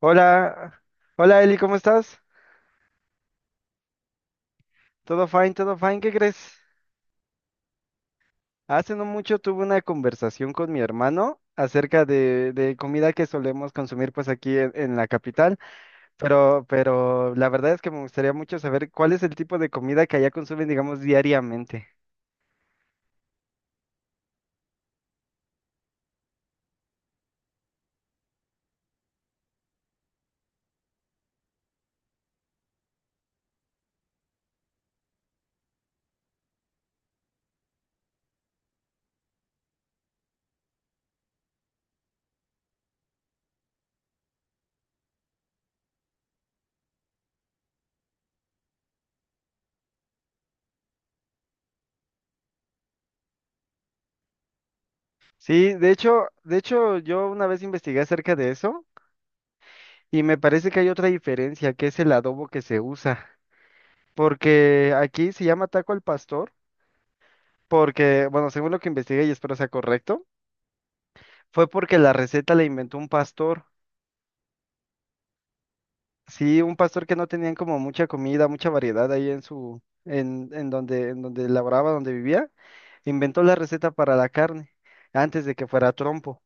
Hola, hola Eli, ¿cómo estás? Todo fine, ¿qué crees? Hace no mucho tuve una conversación con mi hermano acerca de comida que solemos consumir pues aquí en la capital, pero la verdad es que me gustaría mucho saber cuál es el tipo de comida que allá consumen, digamos, diariamente. Sí, de hecho yo una vez investigué acerca de eso y me parece que hay otra diferencia, que es el adobo que se usa, porque aquí se llama taco al pastor, porque, bueno, según lo que investigué y espero sea correcto. Fue porque la receta la inventó un pastor. Sí, un pastor que no tenían como mucha comida, mucha variedad ahí en su, en donde laboraba, donde vivía, inventó la receta para la carne, antes de que fuera trompo,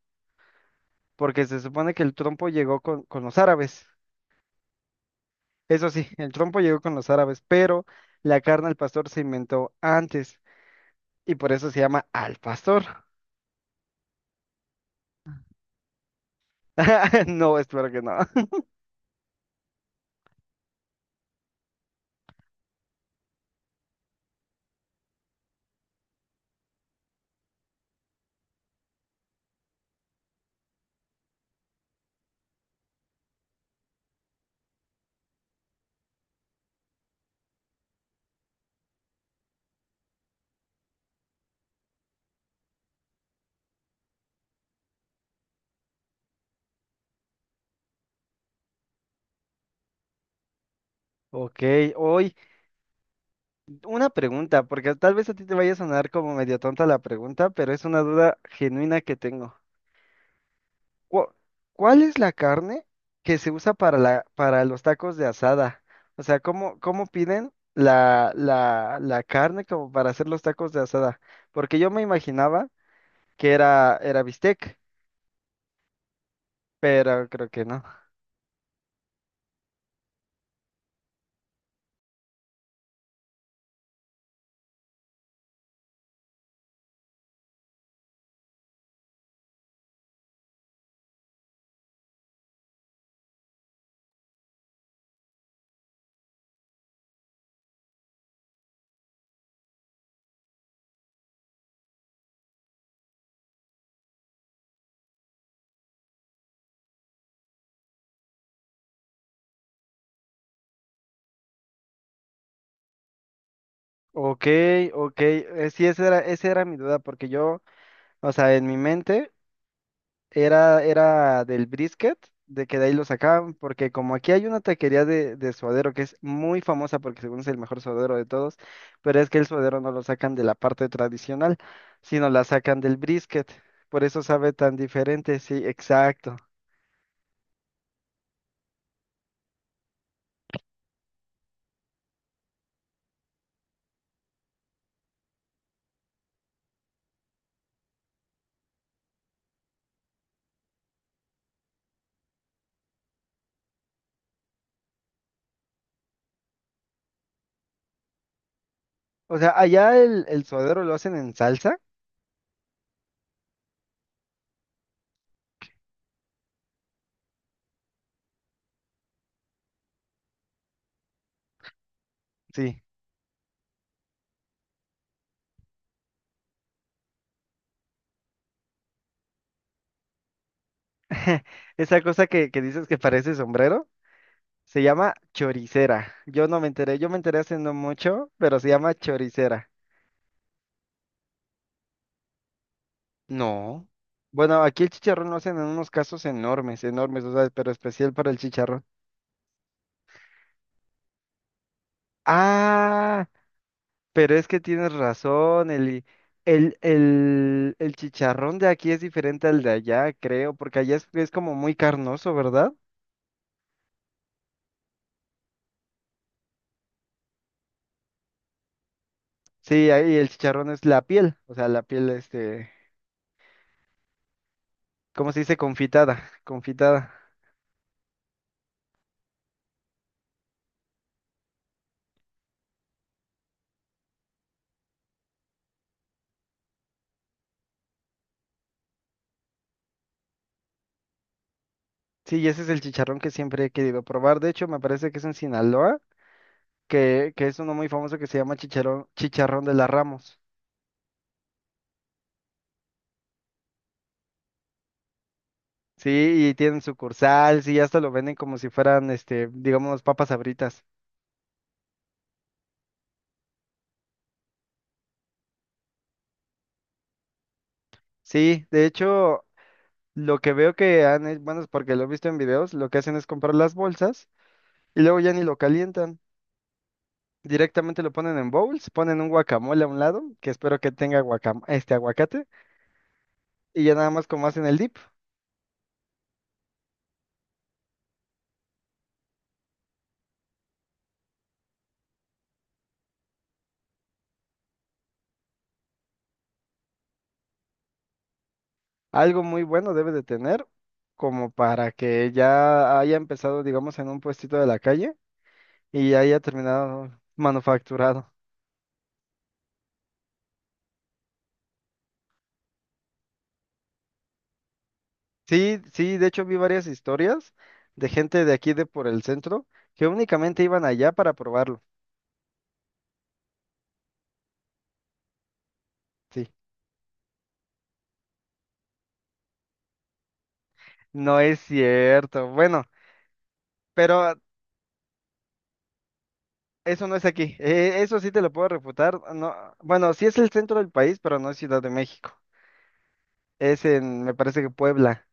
porque se supone que el trompo llegó con los árabes. Eso sí, el trompo llegó con los árabes, pero la carne al pastor se inventó antes, y por eso se llama al pastor. No, espero que no. Ok, hoy. Una pregunta, porque tal vez a ti te vaya a sonar como medio tonta la pregunta, pero es una duda genuina que tengo. ¿Cu- ¿Cuál es la carne que se usa para la, para los tacos de asada? O sea, ¿cómo, cómo piden la carne como para hacer los tacos de asada? Porque yo me imaginaba que era, era bistec, pero creo que no. Ok, ok, sí, esa era mi duda, porque yo, o sea, en mi mente era, era del brisket, de que de ahí lo sacaban, porque como aquí hay una taquería de suadero que es muy famosa porque según es el mejor suadero de todos, pero es que el suadero no lo sacan de la parte tradicional, sino la sacan del brisket. Por eso sabe tan diferente, sí, exacto. O sea, allá el suadero lo hacen en salsa, sí. Esa cosa que dices que parece sombrero, se llama choricera. Yo no me enteré, yo me enteré hace no mucho, pero se llama choricera. No. Bueno, aquí el chicharrón lo hacen en unos casos enormes, enormes, o sea, pero especial para el chicharrón. Ah, pero es que tienes razón, Eli. El chicharrón de aquí es diferente al de allá, creo, porque allá es como muy carnoso, ¿verdad? Sí, ahí el chicharrón es la piel, o sea, la piel, este, ¿cómo se dice? Confitada, confitada. Sí, y ese es el chicharrón que siempre he querido probar. De hecho, me parece que es en Sinaloa, que es uno muy famoso que se llama chicharrón, chicharrón de la Ramos. Sí, y tienen sucursal, sí, hasta lo venden como si fueran, este, digamos, papas sabritas. Sí, de hecho, lo que veo que han, bueno, es porque lo he visto en videos, lo que hacen es comprar las bolsas y luego ya ni lo calientan. Directamente lo ponen en bowls, ponen un guacamole a un lado, que espero que tenga guacam este aguacate, y ya nada más como hacen el dip. Algo muy bueno debe de tener, como para que ya haya empezado, digamos, en un puestito de la calle y haya terminado manufacturado. Sí, sí, de hecho vi varias historias de gente de aquí de por el centro que únicamente iban allá para probarlo. Sí, no es cierto. Bueno, pero eso no es aquí. Eso sí te lo puedo refutar. No, bueno, sí es el centro del país, pero no es Ciudad de México. Es en, me parece que Puebla.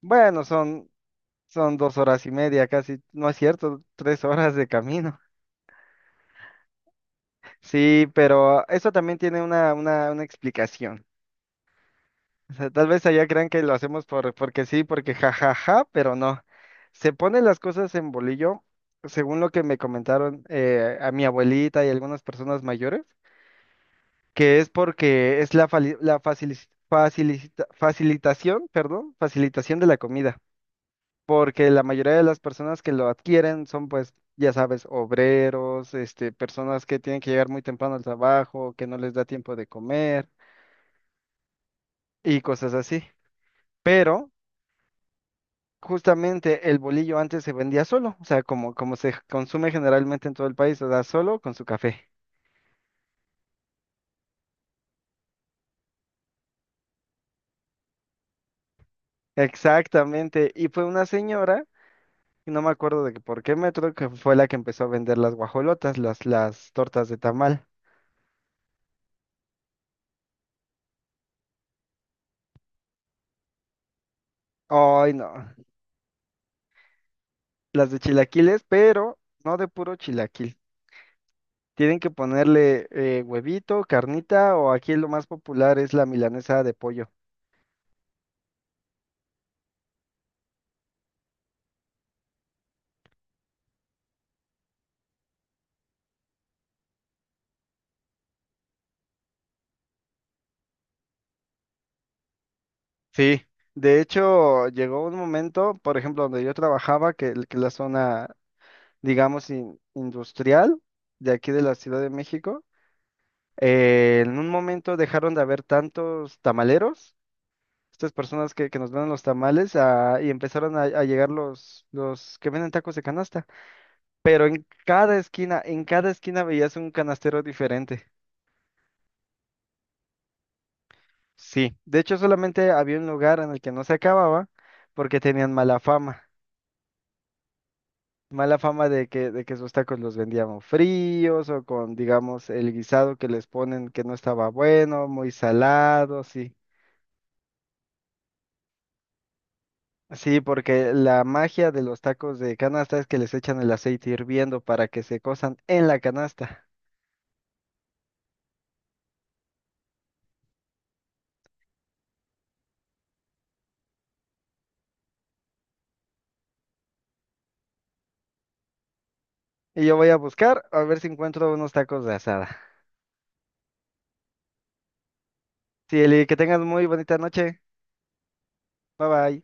Bueno, son, son 2 horas y media casi. No es cierto, 3 horas de camino. Sí, pero eso también tiene una explicación. O sea, tal vez allá crean que lo hacemos por, porque sí, porque jajaja, pero no. Se ponen las cosas en bolillo, según lo que me comentaron a mi abuelita y algunas personas mayores, que es porque es la, facilitación, perdón, facilitación de la comida. Porque la mayoría de las personas que lo adquieren son, pues, ya sabes, obreros, este, personas que tienen que llegar muy temprano al trabajo, que no les da tiempo de comer y cosas así. Pero justamente el bolillo antes se vendía solo, o sea, como, como se consume generalmente en todo el país, o sea, solo con su café. Exactamente, y fue una señora, y no me acuerdo de que por qué metro, que fue la que empezó a vender las guajolotas, las tortas de tamal. Ay, no, las de chilaquiles, pero no de puro chilaquil. Tienen que ponerle huevito, carnita, o aquí lo más popular es la milanesa de pollo. Sí, de hecho, llegó un momento, por ejemplo, donde yo trabajaba, que la zona digamos, industrial de aquí de la Ciudad de México. En un momento dejaron de haber tantos tamaleros, estas personas que nos venden los tamales, ah, y empezaron a llegar los que venden tacos de canasta. Pero en cada esquina veías un canastero diferente. Sí, de hecho solamente había un lugar en el que no se acababa porque tenían mala fama. Mala fama de que esos tacos los vendíamos fríos o con, digamos, el guisado que les ponen que no estaba bueno, muy salado, sí. Sí, porque la magia de los tacos de canasta es que les echan el aceite hirviendo para que se cosan en la canasta. Y yo voy a buscar a ver si encuentro unos tacos de asada. Sí, Eli, que tengas muy bonita noche. Bye bye.